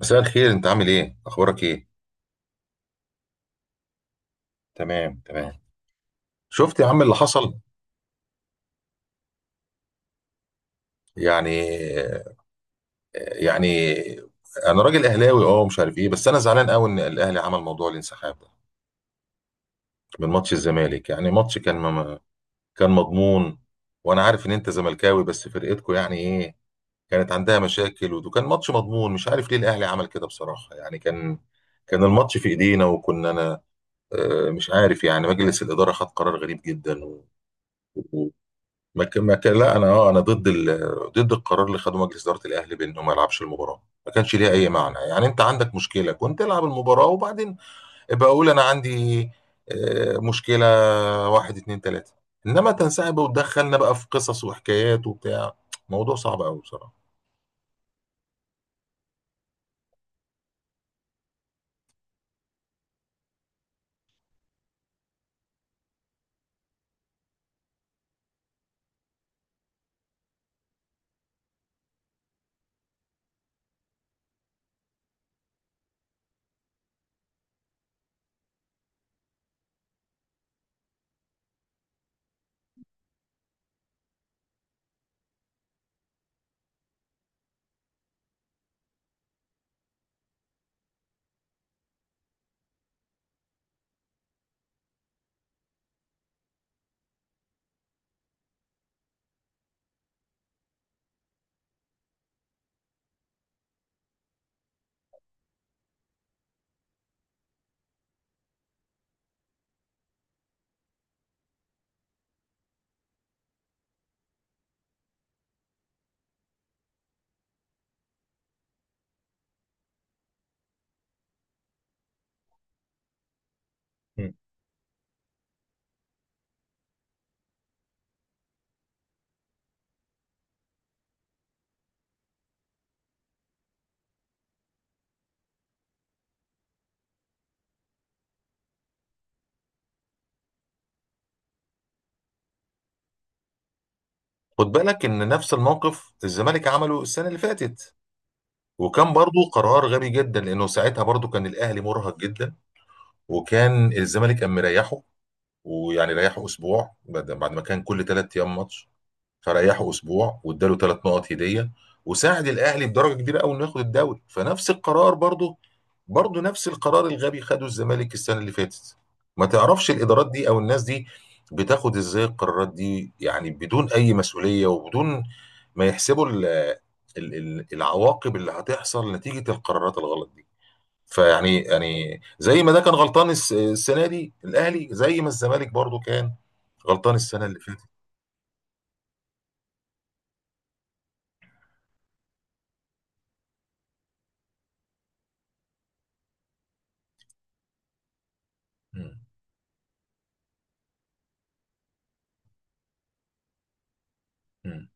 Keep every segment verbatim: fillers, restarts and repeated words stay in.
مساء الخير، انت عامل ايه؟ اخبارك ايه؟ تمام، تمام. شفت يا عم اللي حصل؟ يعني يعني انا راجل اهلاوي، اه مش عارف ايه، بس انا زعلان قوي ان الاهلي عمل موضوع الانسحاب ده من ماتش الزمالك. يعني ماتش كان مم... كان مضمون. وانا عارف ان انت زملكاوي، بس فرقتكو يعني ايه؟ كانت عندها مشاكل، وكان ماتش مضمون. مش عارف ليه الاهلي عمل كده بصراحة. يعني كان كان الماتش في ايدينا، وكنا انا آه، مش عارف. يعني مجلس الإدارة خد قرار غريب جدا و... ما كان ما كان لا، انا اه انا ضد ال... ضد القرار اللي خده مجلس اداره الاهلي بانه ما يلعبش المباراه. ما كانش ليها اي معنى. يعني انت عندك مشكله، كنت العب المباراه وبعدين ابقى اقول انا عندي آه، مشكله واحد اتنين تلاته. انما تنسحب وتدخلنا بقى في قصص وحكايات وبتاع، موضوع صعب قوي بصراحه. مم. خد بالك ان نفس الموقف الزمالك عمله السنه اللي فاتت، وكان برضو قرار غبي جدا. لانه ساعتها برضو كان الاهلي مرهق جدا، وكان الزمالك قام مريحه. ويعني ريحه اسبوع بعد بعد ما كان كل ثلاث ايام ماتش. فريحه اسبوع واداله ثلاث نقط هديه، وساعد الاهلي بدرجه كبيره قوي انه ياخد الدوري. فنفس القرار، برضه برضه نفس القرار الغبي خده الزمالك السنه اللي فاتت. ما تعرفش الادارات دي او الناس دي بتاخد ازاي القرارات دي؟ يعني بدون اي مسؤوليه، وبدون ما يحسبوا ال- ال- ال- العواقب اللي هتحصل نتيجه القرارات الغلط دي. فيعني يعني زي ما ده كان غلطان الس- السنه دي الاهلي، زي ما الزمالك برضو كان غلطان السنه اللي فاتت. مم. مم.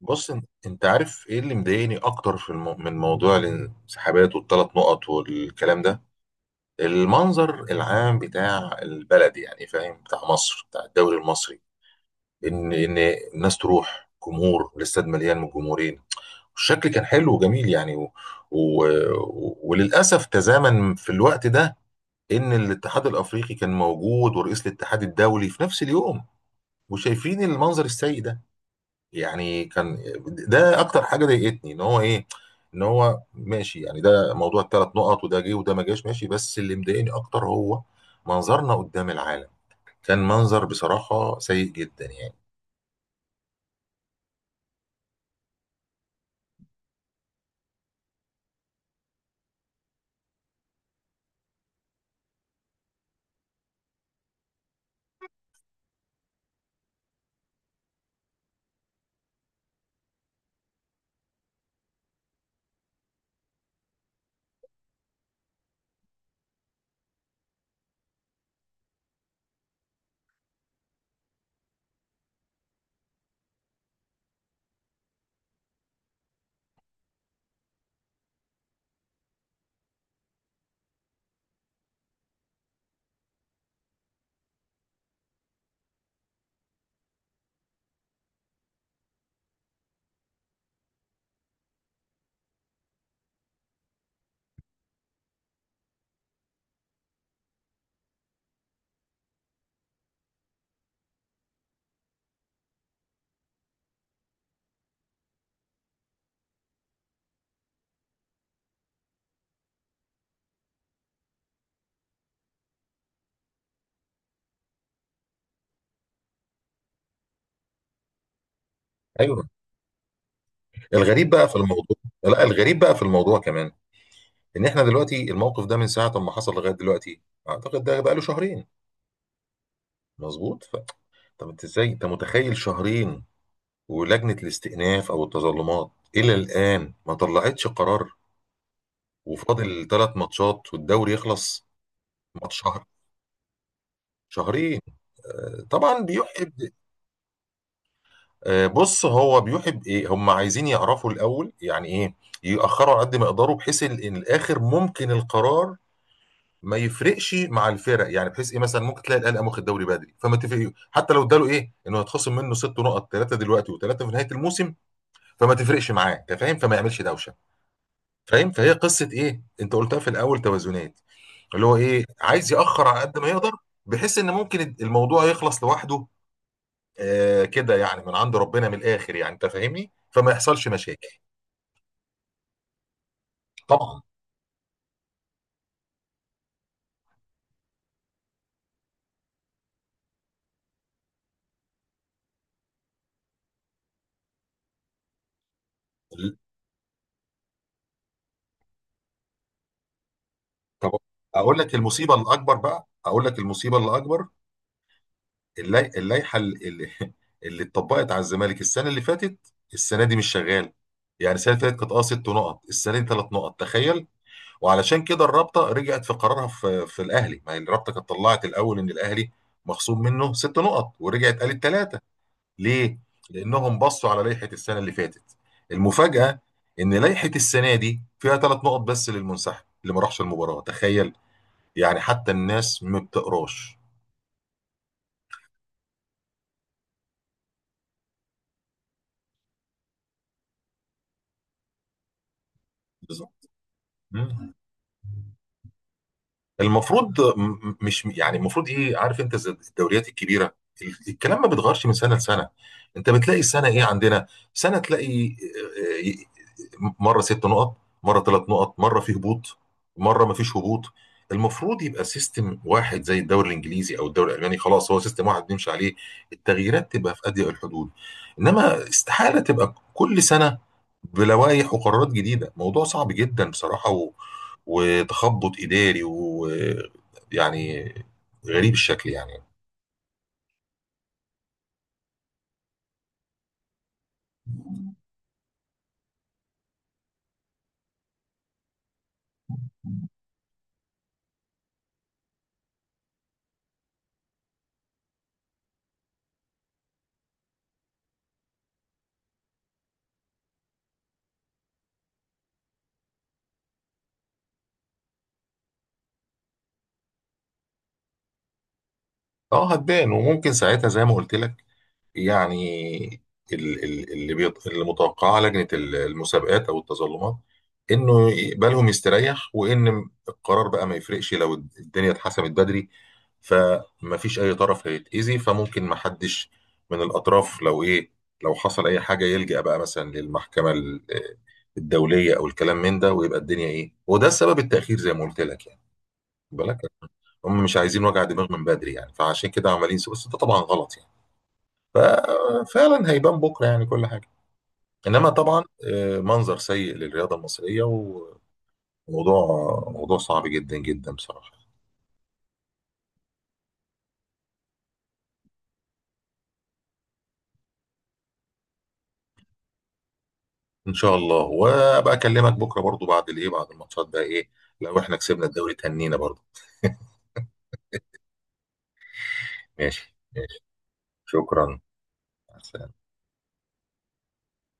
بص إن- انت عارف ايه اللي مضايقني اكتر في المو... من موضوع الانسحابات والثلاث نقط والكلام ده؟ المنظر العام بتاع البلد يعني، فاهم؟ بتاع مصر، بتاع الدوري المصري. ان ان الناس تروح، جمهور الاستاد مليان من الجمهورين، الشكل كان حلو وجميل يعني. و... و... وللاسف تزامن في الوقت ده ان الاتحاد الافريقي كان موجود ورئيس الاتحاد الدولي في نفس اليوم، وشايفين المنظر السيء ده. يعني كان ده اكتر حاجه ضايقتني. ان هو ايه، ان هو ماشي. يعني ده موضوع الثلاث نقط، وده جه وده ما جاش ماشي، بس اللي مضايقني اكتر هو منظرنا قدام العالم. كان منظر بصراحه سيء جدا يعني. ايوه، الغريب بقى في الموضوع. لا، الغريب بقى في الموضوع كمان ان احنا دلوقتي الموقف ده من ساعه ما حصل لغايه دلوقتي، اعتقد ده بقى له شهرين. مظبوط. ف... طب انت، ازاي انت متخيل شهرين ولجنة الاستئناف أو التظلمات إلى الآن ما طلعتش قرار، وفاضل ثلاث ماتشات والدوري يخلص؟ ماتش، شهر، شهرين. آه، طبعا بيحب. آه، بص، هو بيحب ايه؟ هم عايزين يعرفوا الاول يعني ايه. يأخروا على قد ما يقدروا، بحيث ال- ان الاخر ممكن القرار ما يفرقش مع الفرق. يعني بحيث ايه؟ مثلا ممكن تلاقي الاهلي قام واخد دوري بدري، فما تفرق حتى لو اداله ايه، انه هيتخصم منه ست نقط، ثلاثه دلوقتي وثلاثه في نهايه الموسم، فما تفرقش معاه، انت فاهم؟ فما يعملش دوشه، فاهم؟ فهي قصه ايه، انت قلتها في الاول؟ توازنات. اللي هو ايه؟ عايز ياخر على قد ما يقدر، بحيث ان ممكن الموضوع يخلص لوحده. آه، كده يعني، من عند ربنا، من الاخر يعني، انت فاهمني، فما يحصلش مشاكل. طبعا. ال- طب اقول لك المصيبه الاكبر بقى، اقول لك المصيبه الاكبر. اللي- اللائحه اللي اللي اتطبقت على الزمالك السنه اللي فاتت، السنه دي مش شغاله. يعني السنه اللي فاتت كانت اه ست نقط، السنه دي ثلاث نقط. تخيل. وعلشان كده الرابطه رجعت في قرارها في, في الاهلي. ما هي الرابطه كانت طلعت الاول ان الاهلي مخصوم منه ست نقط، ورجعت قالت ثلاثه. ليه؟ لانهم بصوا على لائحه السنه اللي فاتت. المفاجاه ان لائحه السنه دي فيها ثلاث نقط بس للمنسحب اللي ما راحش المباراه. تخيل، يعني حتى الناس ما بتقراش. بالظبط. مم. المفروض م- م- مش، يعني المفروض ايه؟ عارف انت زي الدوريات الكبيره، ال- الكلام ما بيتغيرش من سنه لسنه. انت بتلاقي السنه ايه عندنا؟ سنه تلاقي آه، آه، مره ست نقط، مره ثلاث نقط، مره في هبوط، مره ما فيش هبوط. المفروض يبقى سيستم واحد، زي الدوري الانجليزي او الدوري الالماني. خلاص هو سيستم واحد بنمشي عليه، التغييرات تبقى في اضيق الحدود. انما استحاله تبقى كل سنه بلوائح وقرارات جديده، موضوع صعب جدا بصراحه، وتخبط إداري ويعني غريب الشكل يعني. اه، هتبان. وممكن ساعتها زي ما قلت لك يعني، ال- ال- اللي بيط... اللي متوقعاه لجنة ال- المسابقات أو التظلمات، إنه بالهم يستريح، وإن القرار بقى ما يفرقش لو الدنيا اتحسمت بدري. فما فيش أي طرف هيتأذي، فممكن ما حدش من الأطراف، لو إيه، لو حصل أي حاجة يلجأ بقى مثلا للمحكمة ال- الدولية أو الكلام من ده، ويبقى الدنيا إيه. وده السبب التأخير زي ما قلت لك يعني، بالك. هم مش عايزين وجع دماغ من بدري يعني، فعشان كده عمالين يسوا- بس ده طبعا غلط يعني. ففعلا هيبان بكره يعني كل حاجه. انما طبعا آه، منظر سيء للرياضه المصريه، وموضوع، موضوع صعب جدا جدا بصراحه. ان شاء الله. وابقى اكلمك بكره برضو بعد الايه، بعد الماتشات بقى ايه، لو احنا كسبنا الدوري تهنينا برضو. ماشي، ماشي. شكرا. مع السلامة.